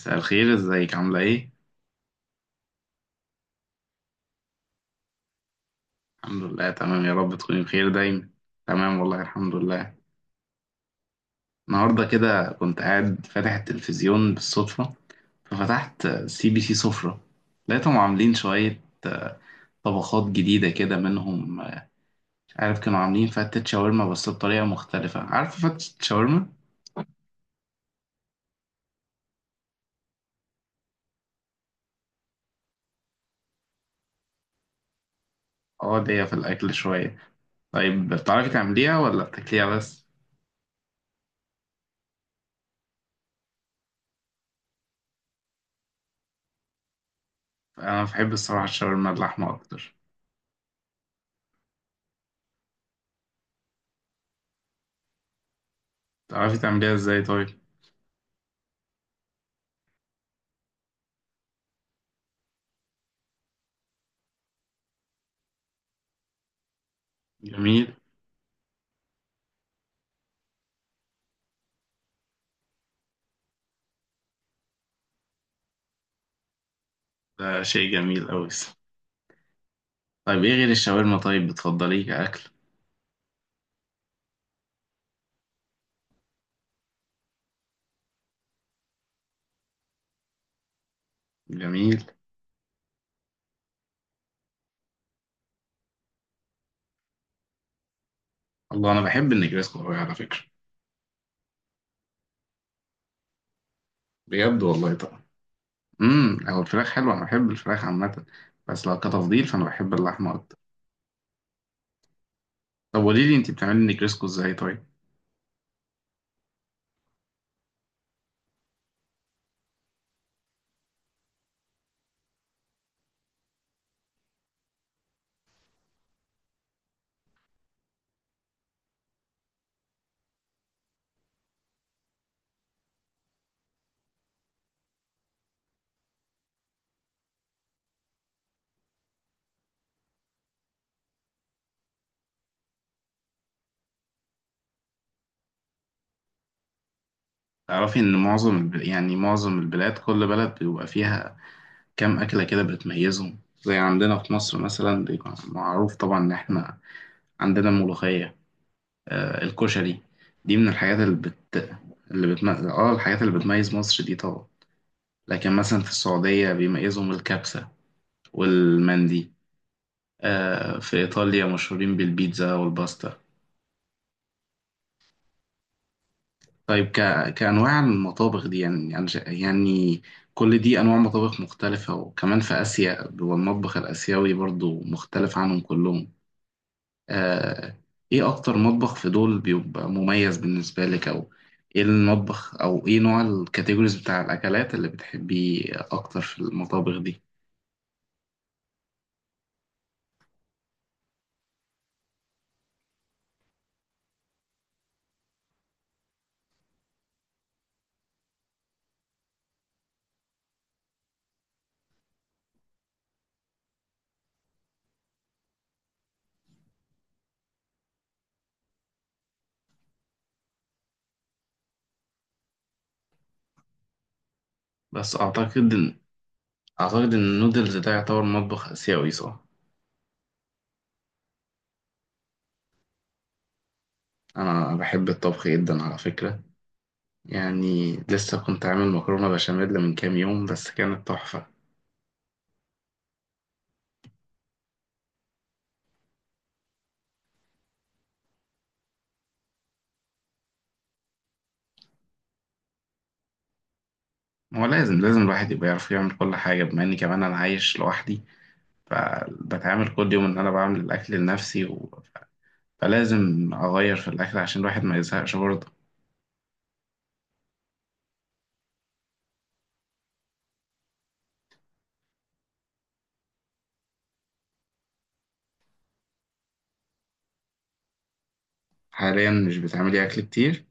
مساء الخير، ازيك، عاملة ايه؟ الحمد لله تمام، يا رب تكوني بخير دايما. تمام والله، الحمد لله. النهاردة كده كنت قاعد فاتح التلفزيون بالصدفة، ففتحت سي بي سي سفرة، لقيتهم عاملين شوية طبخات جديدة كده منهم، مش عارف، كانوا عاملين فتة شاورما بس بطريقة مختلفة. عارفة فتة شاورما؟ اه، ليا في الأكل شوية. طيب بتعرفي تعمليها ولا بتاكليها بس؟ أنا بحب الصراحة الشاورما اللحمة أكتر. بتعرفي تعمليها ازاي طيب؟ جميل. ده شيء جميل أوي. طيب إيه غير الشاورما طيب بتفضليه كأكل؟ جميل. الله، أنا بحب النجريسكو أوي على فكرة. بجد والله، طبعا. هو الفراخ حلوة، أنا بحب الفراخ عامة، بس لو كتفضيل فأنا بحب اللحمة أكتر. طب قولي لي، أنت بتعملي النجريسكو إزاي طيب؟ تعرفي إن معظم الب... يعني معظم البلاد، كل بلد بيبقى فيها كام أكلة كده بتميزهم، زي عندنا في مصر مثلا بيبقى معروف طبعا إن إحنا عندنا الملوخية، الكشري، دي من الحاجات اللي بت اللي بتم... اه الحاجات اللي بتميز مصر دي طبعا. لكن مثلا في السعودية بيميزهم الكبسة والمندي، في إيطاليا مشهورين بالبيتزا والباستا. طيب كأنواع المطابخ دي، يعني كل دي أنواع مطابخ مختلفة، وكمان في آسيا، والمطبخ الآسيوي برضو مختلف عنهم كلهم. آه، ايه اكتر مطبخ في دول بيبقى مميز بالنسبة لك؟ او ايه المطبخ، او ايه نوع الكاتيجوريز بتاع الاكلات اللي بتحبيه اكتر في المطابخ دي؟ بس اعتقد ان النودلز ده يعتبر مطبخ اسيوي، صح؟ انا بحب الطبخ جدا على فكرة، يعني لسه كنت عامل مكرونة بشاميل من كام يوم، بس كانت تحفة. هو لازم الواحد يبقى يعرف يعمل كل حاجة، بما اني كمان انا عايش لوحدي، فبتعامل كل يوم ان انا بعمل الاكل لنفسي، فلازم أغير في الأكل عشان الواحد ما يزهقش برضه. حاليا مش بتعملي أكل كتير؟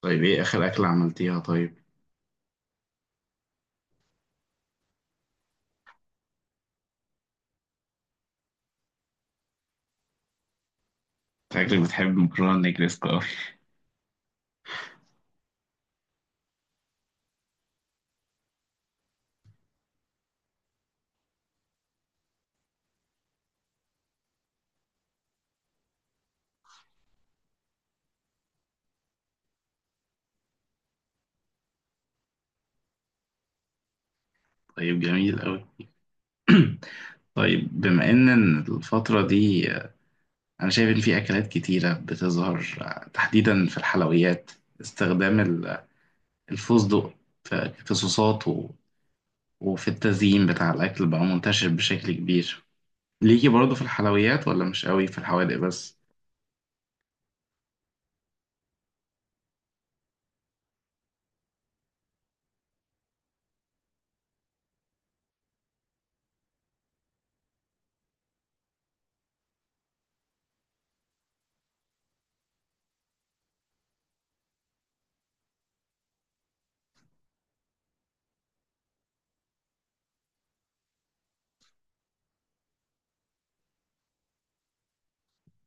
طيب إيه آخر أكلة عملتيها طيب؟ شكلك بتحب مكرونة نجريسكو أوي. طيب، جميل أوي. طيب، بما إن الفترة دي أنا شايف إن في أكلات كتيرة بتظهر، تحديدا في الحلويات، استخدام الفستق في صوصات وفي التزيين بتاع الأكل بقى منتشر بشكل كبير. ليكي برضه في الحلويات ولا مش قوي في الحوادق بس؟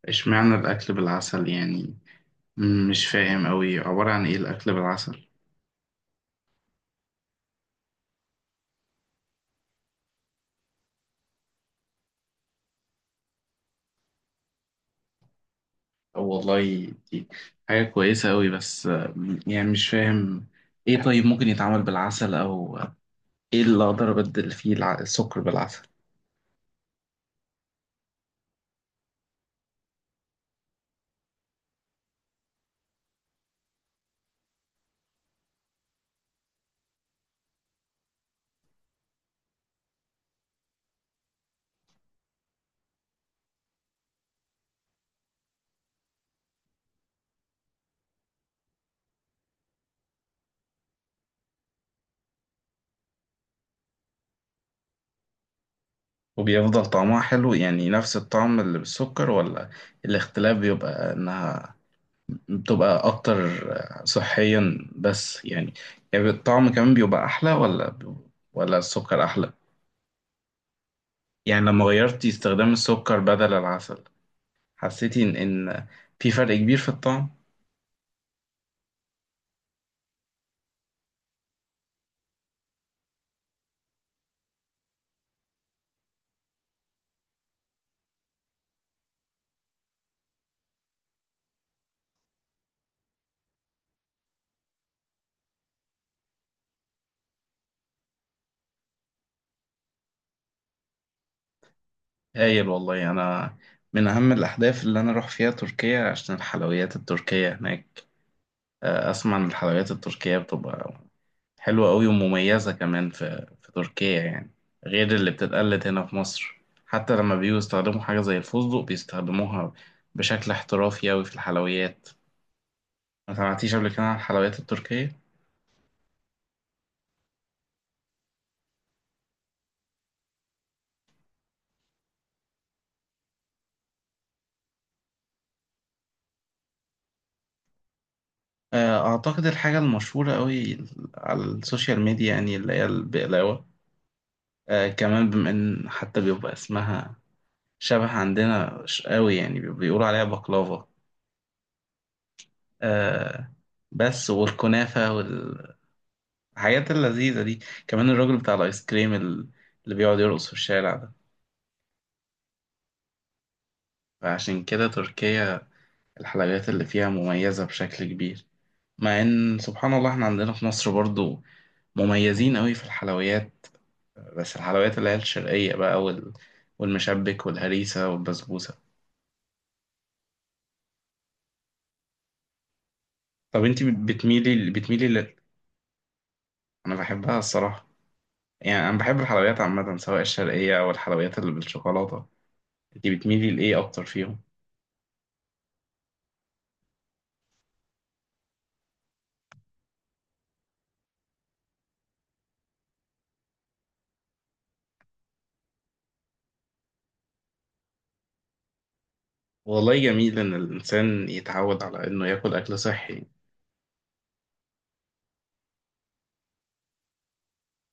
اشمعنى الأكل بالعسل يعني؟ مش فاهم أوي عبارة عن إيه الأكل بالعسل. والله دي حاجة كويسة أوي، بس يعني مش فاهم، إيه طيب ممكن يتعمل بالعسل، أو إيه اللي أقدر أبدل فيه السكر بالعسل؟ وبيفضل طعمها حلو يعني نفس الطعم اللي بالسكر، ولا الاختلاف بيبقى إنها بتبقى أكتر صحيا بس؟ يعني يعني الطعم كمان بيبقى أحلى، ولا السكر أحلى؟ يعني لما غيرتي استخدام السكر بدل العسل، حسيتي إن في فرق كبير في الطعم؟ هايل والله. أنا من أهم الأحداث اللي أنا أروح فيها تركيا عشان الحلويات التركية هناك، أسمع إن الحلويات التركية بتبقى حلوة أوي ومميزة كمان، في تركيا يعني، غير اللي بتتقلد هنا في مصر. حتى لما بييجوا يستخدموا حاجة زي الفستق بيستخدموها بشكل احترافي أوي في الحلويات. ما سمعتيش قبل كده عن الحلويات التركية؟ أعتقد الحاجة المشهورة أوي على السوشيال ميديا يعني اللي هي البقلاوة. كمان، بما ان حتى بيبقى اسمها شبه عندنا، قوي يعني، بيقولوا عليها بقلاوة. آه بس، والكنافة والحاجات اللذيذة دي، كمان الراجل بتاع الايس كريم اللي بيقعد يرقص في الشارع ده. فعشان كده تركيا الحلويات اللي فيها مميزة بشكل كبير، مع ان سبحان الله احنا عندنا في مصر برضو مميزين قوي في الحلويات. بس الحلويات اللي هي الشرقية بقى والمشبك والهريسة والبسبوسة. طب انت بتميلي؟ انا بحبها الصراحه، يعني انا بحب الحلويات عامه سواء الشرقيه او الحلويات اللي بالشوكولاته. انت بتميلي لايه اكتر فيهم؟ والله جميل ان الانسان يتعود على انه ياكل اكل صحي.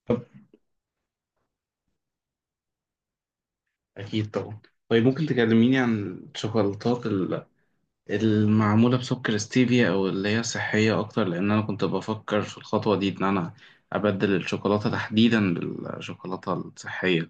طب، اكيد طبعا. طيب ممكن تكلميني عن الشوكولاتات المعموله بسكر ستيفيا او اللي هي صحيه اكتر، لان انا كنت بفكر في الخطوه دي ان انا ابدل الشوكولاته تحديدا بالشوكولاته الصحيه.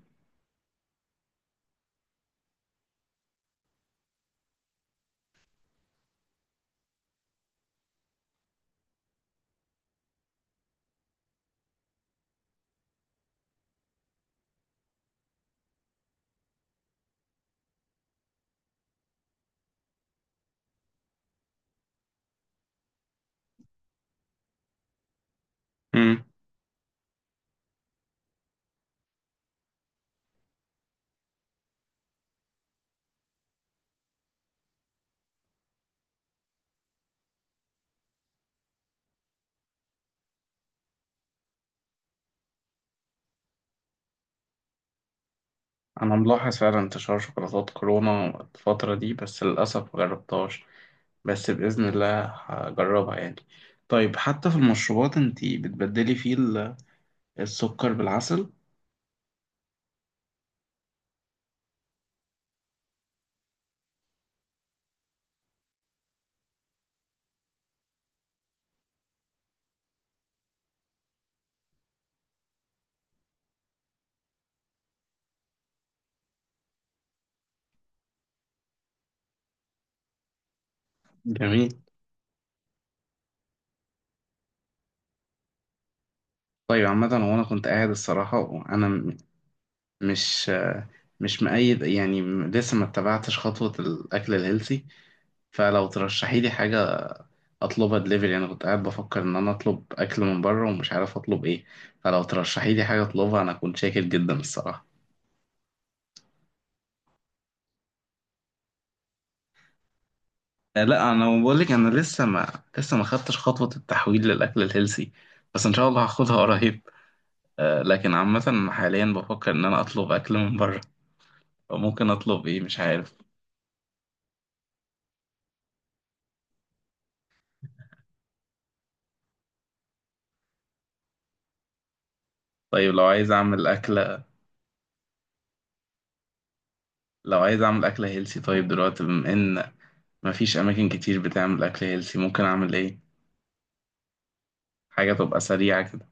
أنا ملاحظ فعلا انتشار شوكولاتات كورونا الفترة دي، بس للأسف مجربتهاش، بس بإذن الله هجربها يعني. طيب حتى في المشروبات انتي بتبدلي فيه السكر بالعسل؟ جميل. طيب عامة، هو أنا كنت قاعد الصراحة، وأنا مش مش مؤيد يعني، لسه ما اتبعتش خطوة الأكل الهيلثي، فلو ترشحي لي حاجة أطلبها دليفري. أنا كنت قاعد بفكر إن أنا أطلب أكل من بره ومش عارف أطلب إيه، فلو ترشحي لي حاجة أطلبها أنا كنت شاكر جدا الصراحة. لا، انا بقول لك، انا لسه ما خدتش خطوه التحويل للاكل الهيلثي، بس ان شاء الله هاخدها قريب. لكن عامه حاليا بفكر ان انا اطلب اكل من بره، ممكن اطلب ايه مش عارف. طيب لو عايز اعمل اكله لو عايز اعمل اكله هيلثي طيب، دلوقتي بما ان مفيش اماكن كتير بتعمل اكل هيلثي، ممكن اعمل ايه؟ حاجه تبقى سريعه كده.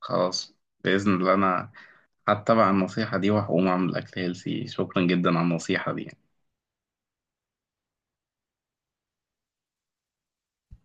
خلاص، باذن الله انا هتبع النصيحه دي وهقوم اعمل اكل هيلثي. شكرا جدا على النصيحه دي.